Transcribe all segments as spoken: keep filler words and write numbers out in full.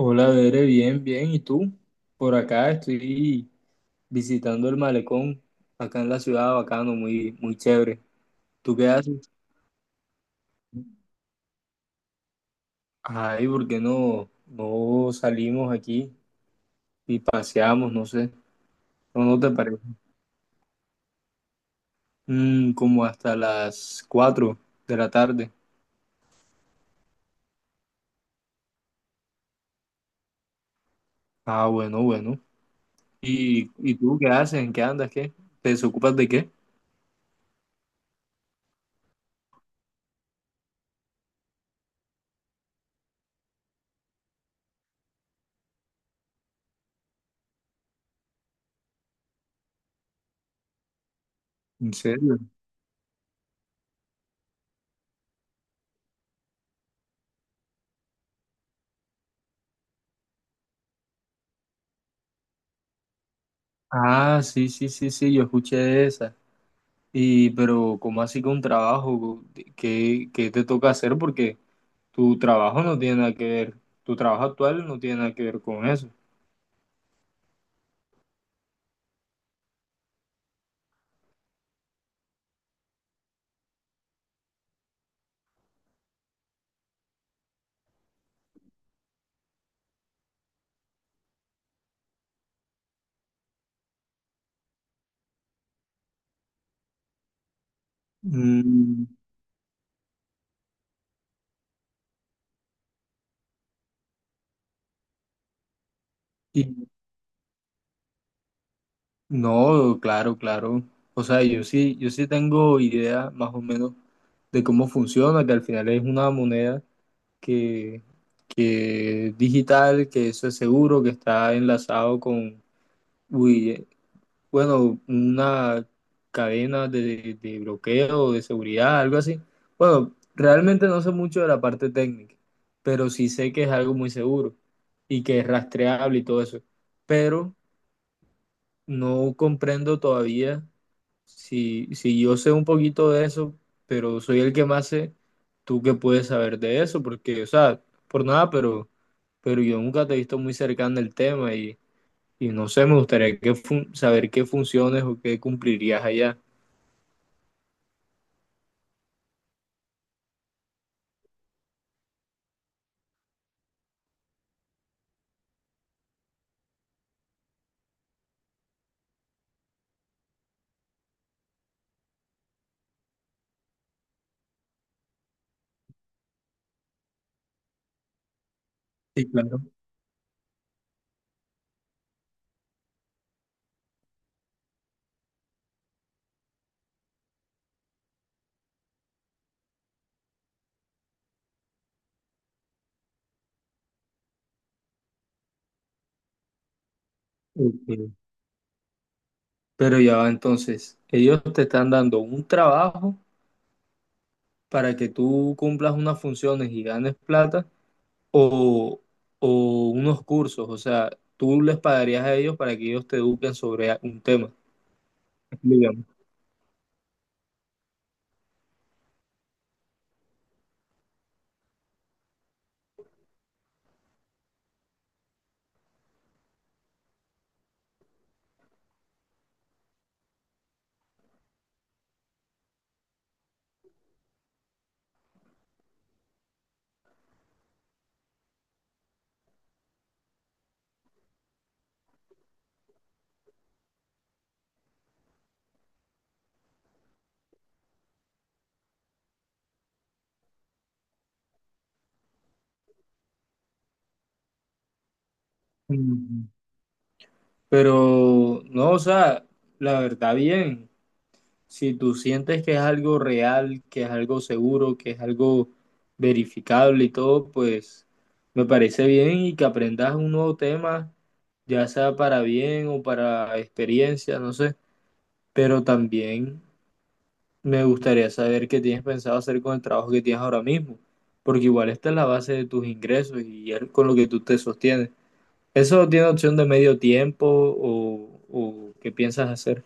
Hola, Bere, bien, bien. ¿Y tú? Por acá estoy visitando el malecón, acá en la ciudad, bacano, muy, muy chévere. ¿Tú qué haces? Ay, ¿por qué no, no salimos aquí y paseamos? No sé, ¿no, no te parece? Mm, como hasta las cuatro de la tarde. Ah, bueno, bueno. ¿Y, y tú qué haces? ¿En qué andas? ¿Qué? ¿Te desocupas de qué? ¿En serio? Ah, sí, sí, sí, sí, yo escuché esa. Y, pero, ¿cómo así con trabajo? ¿Qué, qué te toca hacer? Porque tu trabajo no tiene nada que ver, tu trabajo actual no tiene nada que ver con eso. Mm, y no, claro, claro. O sea, yo sí, yo sí tengo idea más o menos de cómo funciona, que al final es una moneda que, que es digital, que eso es seguro, que está enlazado con, uy, bueno, una cadena de, de bloqueo, de seguridad, algo así. Bueno, realmente no sé mucho de la parte técnica, pero sí sé que es algo muy seguro y que es rastreable y todo eso. Pero no comprendo todavía si, si yo sé un poquito de eso, pero soy el que más sé, tú que puedes saber de eso, porque, o sea, por nada, pero, pero yo nunca te he visto muy cercano al tema y y no sé, me gustaría que fun- saber qué funciones o qué cumplirías allá. Sí, claro. Ok. Pero ya va entonces, ellos te están dando un trabajo para que tú cumplas unas funciones y ganes plata o, o unos cursos, o sea, tú les pagarías a ellos para que ellos te eduquen sobre a- un tema, digamos. Mm, Pero no, o sea, la verdad bien. Si tú sientes que es algo real, que es algo seguro, que es algo verificable y todo, pues me parece bien y que aprendas un nuevo tema, ya sea para bien o para experiencia, no sé. Pero también me gustaría saber qué tienes pensado hacer con el trabajo que tienes ahora mismo, porque igual esta es la base de tus ingresos y es con lo que tú te sostienes. ¿Eso no tiene opción de medio tiempo o, o qué piensas hacer?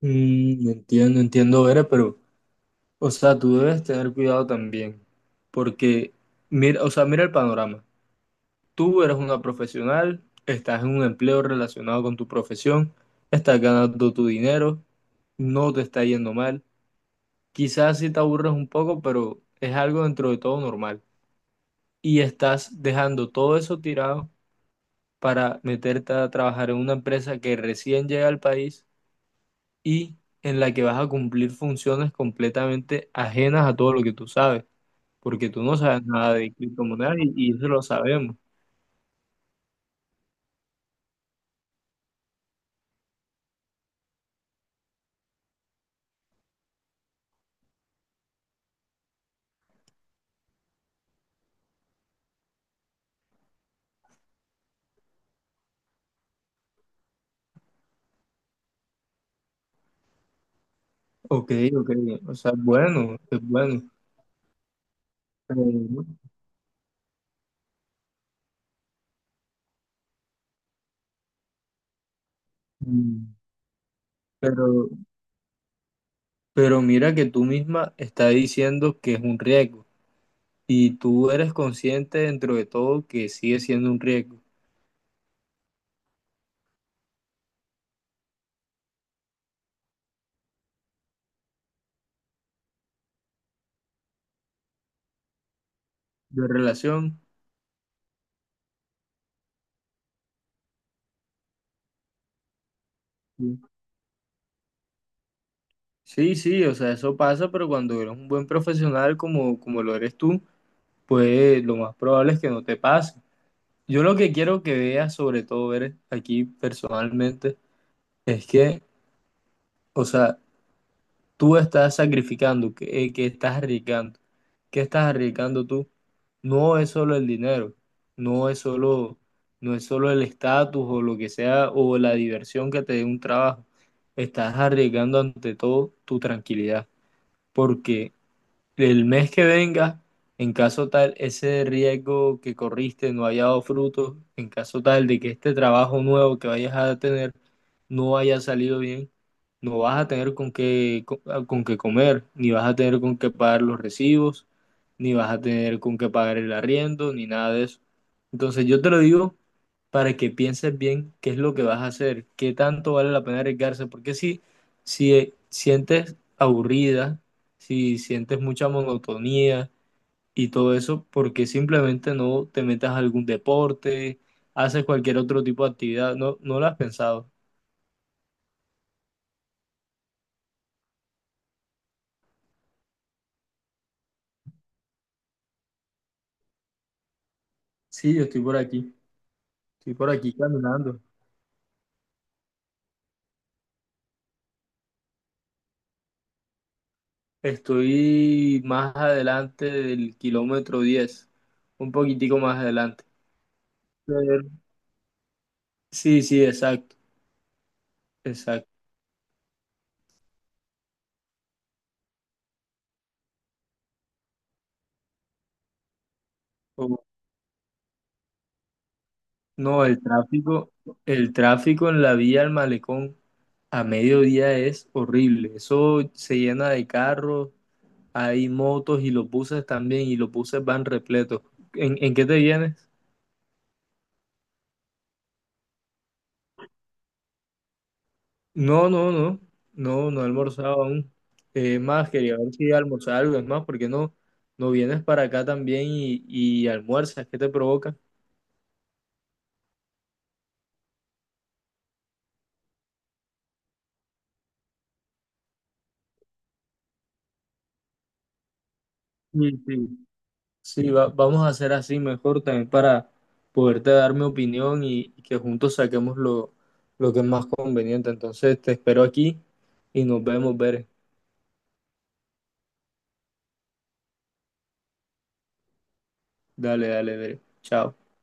Mm, entiendo, entiendo, Vera, pero... O sea, tú debes tener cuidado también, porque mira, o sea, mira el panorama. Tú eres una profesional, estás en un empleo relacionado con tu profesión, estás ganando tu dinero, no te está yendo mal. Quizás sí te aburres un poco, pero es algo dentro de todo normal. Y estás dejando todo eso tirado para meterte a trabajar en una empresa que recién llega al país y en la que vas a cumplir funciones completamente ajenas a todo lo que tú sabes, porque tú no sabes nada de criptomonedas y, y eso lo sabemos. Ok, ok, o sea, bueno, es bueno. Pero, mm, pero, pero mira que tú misma estás diciendo que es un riesgo y tú eres consciente dentro de todo que sigue siendo un riesgo de relación. Sí, sí, sí, o sea, eso pasa, pero cuando eres un buen profesional como, como lo eres tú, pues lo más probable es que no te pase. Yo lo que quiero que veas, sobre todo ver aquí personalmente, es que, o sea, tú estás sacrificando, que, eh, que estás arriesgando. ¿Qué estás arriesgando tú? No es solo el dinero, no es solo, no es solo el estatus o lo que sea, o la diversión que te dé un trabajo. Estás arriesgando ante todo tu tranquilidad, porque el mes que venga, en caso tal, ese riesgo que corriste no haya dado fruto, en caso tal de que este trabajo nuevo que vayas a tener no haya salido bien, no vas a tener con qué, con, con qué comer, ni vas a tener con qué pagar los recibos, ni vas a tener con qué pagar el arriendo, ni nada de eso. Entonces yo te lo digo para que pienses bien qué es lo que vas a hacer, qué tanto vale la pena arriesgarse, porque si, si eh, sientes aburrida, si sientes mucha monotonía y todo eso, porque simplemente no te metas a algún deporte, ¿haces cualquier otro tipo de actividad? ¿No, no lo has pensado? Sí, yo estoy por aquí, estoy por aquí caminando. Estoy más adelante del kilómetro diez, un poquitico más adelante. Pero- sí, sí, exacto, exacto. Oh, no, el tráfico, el tráfico en la vía al Malecón a mediodía es horrible. Eso se llena de carros, hay motos y los buses también, y los buses van repletos. ¿En, en qué te vienes? No, no, no, no, no he almorzado aún. Eh, Es más, quería ver si almorzaba algo, es más, ¿porque no, no vienes para acá también y, y almuerzas? ¿Qué te provoca? Sí, sí. Sí, va- vamos a hacer así mejor también para poderte dar mi opinión y, y que juntos saquemos lo, lo que es más conveniente. Entonces, te espero aquí y nos vemos, Bere. Dale, dale, Bere. Chao.